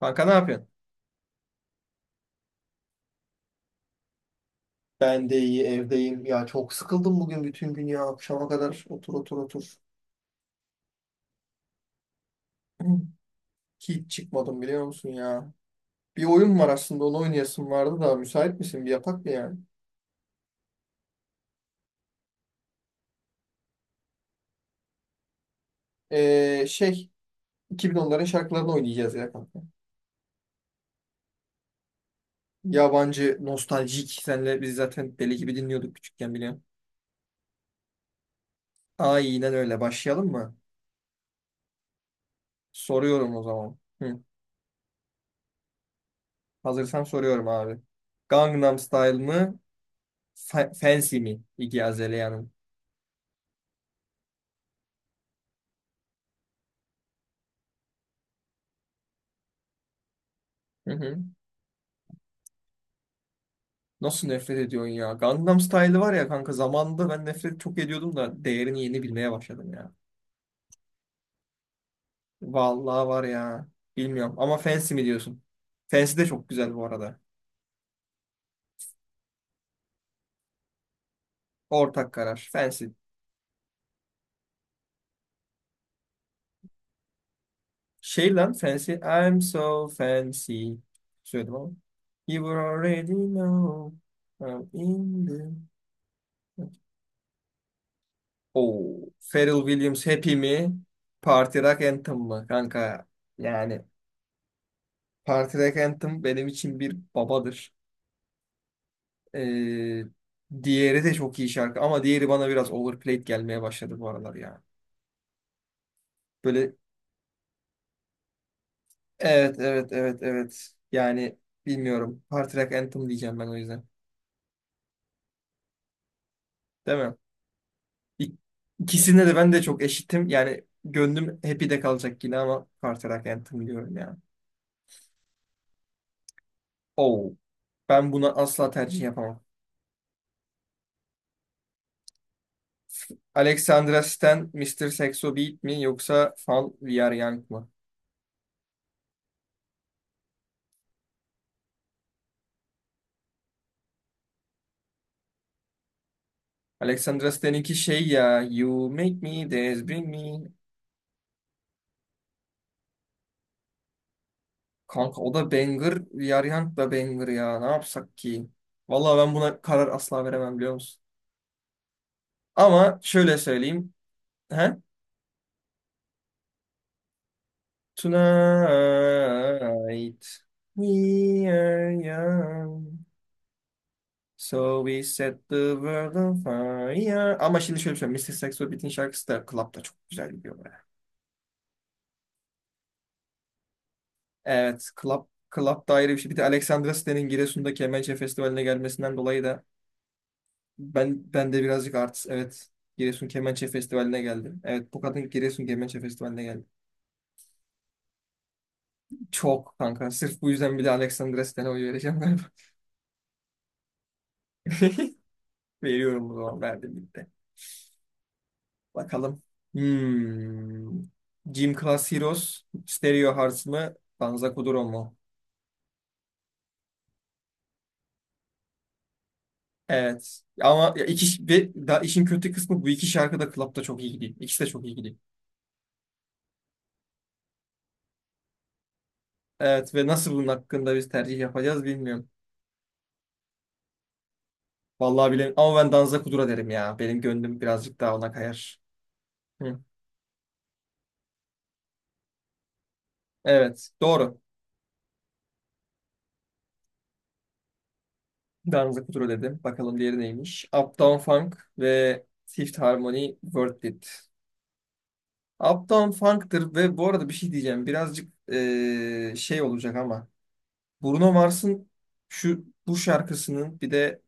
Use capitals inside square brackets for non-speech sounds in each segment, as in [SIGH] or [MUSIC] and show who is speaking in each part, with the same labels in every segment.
Speaker 1: Kanka ne yapıyorsun? Ben de iyi evdeyim. Ya çok sıkıldım bugün bütün gün ya. Akşama kadar otur otur otur. [CLEARS THROAT] Hiç çıkmadım biliyor musun ya. Bir oyun var aslında onu oynayasım vardı da müsait misin? Bir yapak mı yani? Ee, şey 2010'ların şarkılarını oynayacağız ya kanka. Yabancı, nostaljik. Senle biz zaten deli gibi dinliyorduk küçükken biliyorum. Aynen öyle. Başlayalım mı? Soruyorum o zaman. Hı. Hazırsan soruyorum abi. Gangnam Style mı? Fancy mi? İggy Azalea'nın. Hı hı. Nasıl nefret ediyorsun ya? Gangnam Style var ya kanka, zamanında ben nefret çok ediyordum da değerini yeni bilmeye başladım ya. Vallahi var ya. Bilmiyorum ama Fancy mi diyorsun? Fancy de çok güzel bu arada. Ortak karar. Fancy. Şey lan Fancy. I'm so fancy. Söyledim ama. You already know. I'm in the... Oo. Pharrell Williams Happy mi? Party Rock Anthem mı? Kanka yani Party Rock Anthem benim için bir babadır. Ee, diğeri de çok iyi şarkı ama diğeri bana biraz overplayed gelmeye başladı bu aralar ya. Böyle evet evet evet evet. Yani bilmiyorum. Party Rock Anthem diyeceğim ben o yüzden. Değil mi? İk- İkisinde de ben de çok eşitim. Yani gönlüm Happy'de kalacak yine ama Party Rock Anthem diyorum ya. Oh. Ben buna asla tercih yapamam. Alexandra Stan, Mister Saxo Beat mi yoksa Fall We Are Young mı? Alexandra Stan'inki şey ya, You make me dance, bring me. Kanka, o da banger, Yaryant da banger ya. Ne yapsak ki? Vallahi ben buna karar asla veremem biliyor musun? Ama şöyle söyleyeyim. He? Tonight we are young. So we set the world on fire. Ama şimdi şöyle söyleyeyim. Mister Saxo Beat'in şarkısı da Club'da çok güzel gidiyor be. Evet, Club, Club da ayrı bir şey. Bir de Alexandra Stan'in Giresun'daki Kemençe Festivali'ne gelmesinden dolayı da ben de birazcık artist. Evet. Giresun Kemençe Festivali'ne geldim. Evet, bu kadın Giresun Kemençe Festivali'ne geldi. Çok kanka. Sırf bu yüzden bile Alexandra Sten'e oy vereceğim galiba. [LAUGHS] Veriyorum o zaman. Verdim gitti. Bakalım. Hmm. Gym Class Heroes, Stereo Hearts mı? Danza Kuduro mu? Evet. Ama ya iki, ve da işin kötü kısmı, bu iki şarkı da Club'da çok iyi gidiyor. İkisi de çok iyi gidiyor. Evet ve nasıl bunun hakkında biz tercih yapacağız bilmiyorum. Vallahi bilmiyorum ama ben Danza Kudura derim ya. Benim gönlüm birazcık daha ona kayar. Hı. Evet, doğru. Danza Kudura dedim. Bakalım diğeri neymiş? Uptown Funk ve Fifth Harmony Worth It. Uptown Funk'tır ve bu arada bir şey diyeceğim. Birazcık şey olacak ama. Bruno Mars'ın bu şarkısının bir de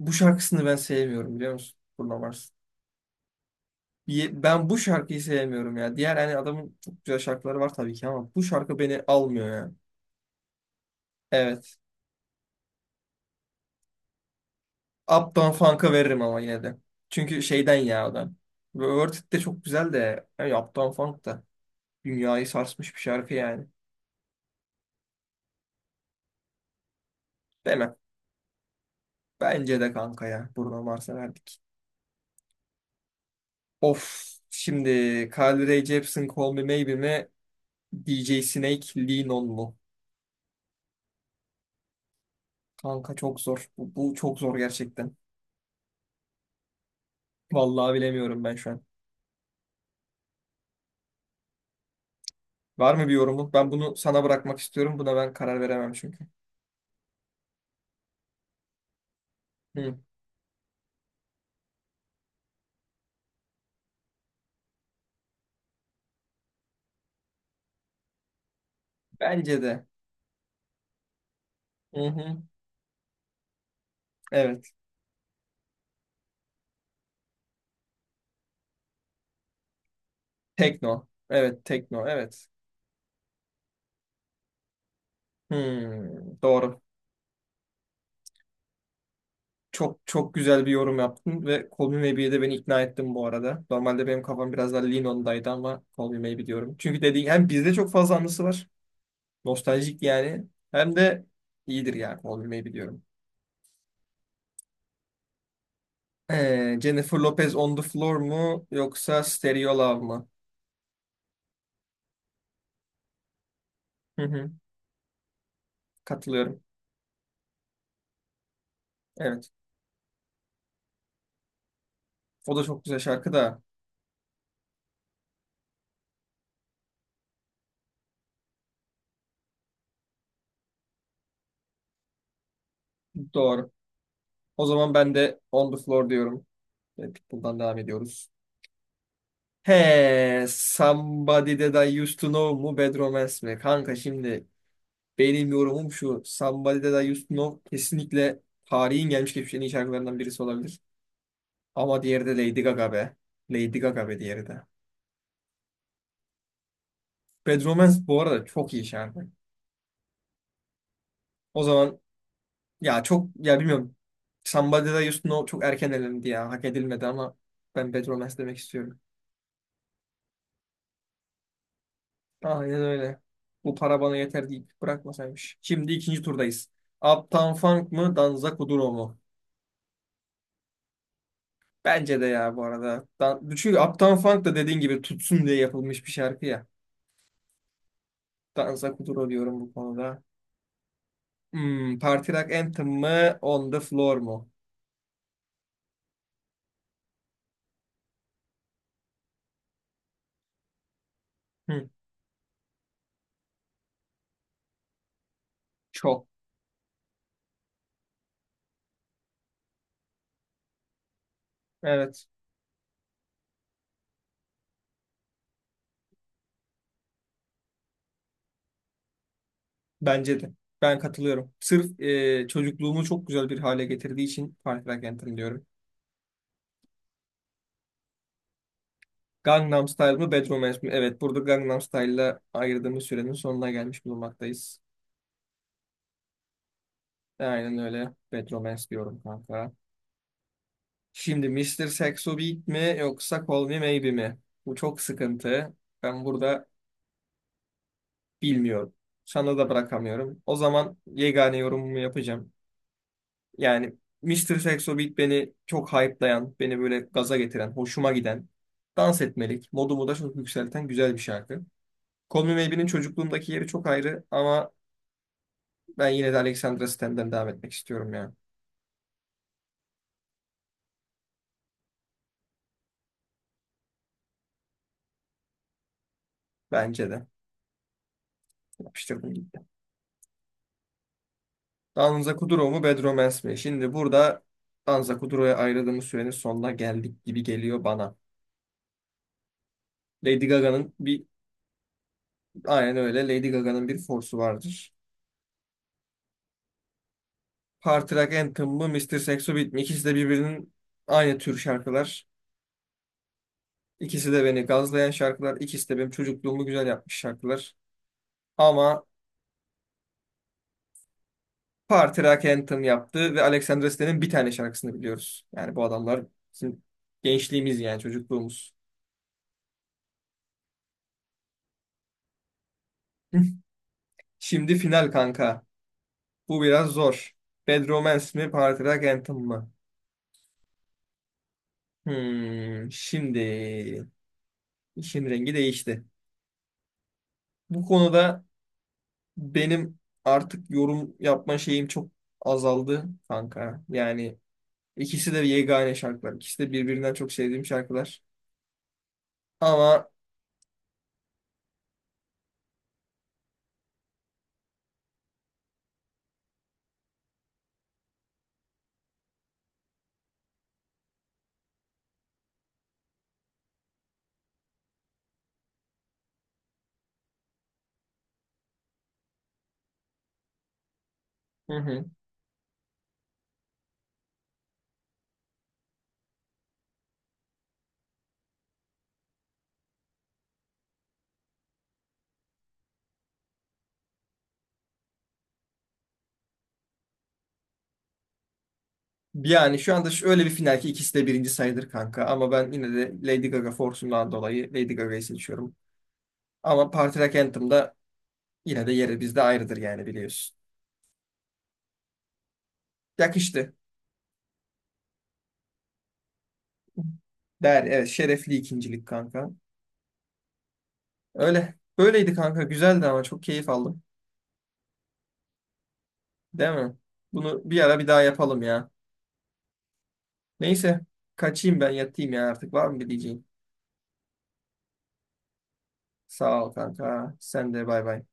Speaker 1: bu şarkısını ben sevmiyorum biliyor musun? Bruno Mars. Ben bu şarkıyı sevmiyorum ya. Diğer hani adamın çok güzel şarkıları var tabii ki ama bu şarkı beni almıyor ya. Evet. Uptown Funk'a veririm ama yine de. Çünkü şeyden ya o da. Ve Worth It de çok güzel de. Yani Uptown Funk da. Dünyayı sarsmış bir şarkı yani. Demem. Bence de kanka ya. Bruno Mars'a verdik. Of. Şimdi Carly Rae Jepsen Call Me Maybe mi? DJ Snake Lean On mu? Kanka çok zor. Bu çok zor gerçekten. Vallahi bilemiyorum ben şu an. Var mı bir yorumun? Ben bunu sana bırakmak istiyorum. Buna ben karar veremem çünkü. Hı. Bence de. Hı hı. Evet. Tekno. Evet, tekno. Evet. Doğru. Çok çok güzel bir yorum yaptın ve Call Me Maybe'ye de beni ikna ettin bu arada. Normalde benim kafam biraz daha Lean On'daydı ama Call Me Maybe diyorum. Çünkü dediğin, hem bizde çok fazla anısı var. Nostaljik yani. Hem de iyidir ya, Call Me Maybe diyorum. Jennifer Lopez On The Floor mu yoksa Stereo Love mı? Hı hı, katılıyorum. Evet. O da çok güzel şarkı da. Doğru. O zaman ben de On The Floor diyorum. Ve Pitbull'dan devam ediyoruz. He, Somebody That I Used to Know mu Bad Romance mi? Kanka şimdi benim yorumum şu. Somebody That I Used to Know kesinlikle tarihin gelmiş geçmiş en iyi şarkılarından birisi olabilir. Ama diğeri de Lady Gaga be. Lady Gaga be diğeri de. Bad Romance bu arada çok iyi şarkı. O zaman ya çok ya bilmiyorum. Somebody That I Used to Know çok erken elendi ya. Hak edilmedi ama ben Bad Romance demek istiyorum. Aynen öyle. Bu para bana yeter deyip bırakmasaymış. Şimdi ikinci turdayız. Uptown Funk mı, Danza Kuduro mu? Bence de ya bu arada. Çünkü Uptown Funk da dediğin gibi tutsun diye yapılmış bir şarkı ya. Danza Kuduro diyorum bu konuda. Party Rock Anthem mı, On the Floor mu? Hı, çok. Evet. Bence de. Ben katılıyorum. Sırf çocukluğumu çok güzel bir hale getirdiği için Party Rock Anthem diyorum. Gangnam Style mı, bedroom Romance mi? Evet, burada Gangnam Style'la ayırdığımız sürenin sonuna gelmiş bulunmaktayız. Aynen öyle. Bedroom Romance diyorum kanka. Şimdi Mr. Saxo Beat mi yoksa Call Me Maybe mi? Bu çok sıkıntı. Ben burada bilmiyorum. Sana da bırakamıyorum. O zaman yegane yorumumu yapacağım. Yani Mr. Saxo Beat beni çok hype'layan, beni böyle gaza getiren, hoşuma giden, dans etmelik, modumu da çok yükselten güzel bir şarkı. Call Me Maybe'nin çocukluğumdaki yeri çok ayrı ama ben yine de Alexandra Stem'den devam etmek istiyorum ya. Bence de. Yapıştırdım gitti. Danza Kuduro mu, Bedromans mi? Şimdi burada Danza Kuduro'ya ayırdığımız sürenin sonuna geldik gibi geliyor bana. Lady Gaga'nın bir aynen öyle, Lady Gaga'nın bir force'u vardır. Party Rock Anthem mı, Mr. Saxo Beat mi? İkisi de birbirinin aynı tür şarkılar. İkisi de beni gazlayan şarkılar. İkisi de benim çocukluğumu güzel yapmış şarkılar. Ama Party Rock Anthem yaptı ve Alexandra Stan'in bir tane şarkısını biliyoruz. Yani bu adamlar bizim gençliğimiz, yani çocukluğumuz. [LAUGHS] Şimdi final kanka. Bu biraz zor. Bad Romance mi, Party Rock Anthem mı? Şimdi işin rengi değişti. Bu konuda benim artık yorum yapma şeyim çok azaldı kanka. Yani ikisi de yegane şarkılar. İkisi de birbirinden çok sevdiğim şarkılar. Ama hı hı. Yani şu anda öyle bir final ki ikisi de birinci sayılır kanka. Ama ben yine de Lady Gaga fortundan dolayı Lady Gaga'yı seçiyorum. Ama Party Rock Anthem da yine de yeri bizde ayrıdır yani, biliyorsun. Yakıştı. Der, evet, şerefli ikincilik kanka. Öyle. Böyleydi kanka, güzeldi, ama çok keyif aldım. Değil mi? Bunu bir ara bir daha yapalım ya. Neyse, kaçayım ben yatayım ya artık, var mı bir diyeceğin? Sağ ol kanka. Sen de bay bay.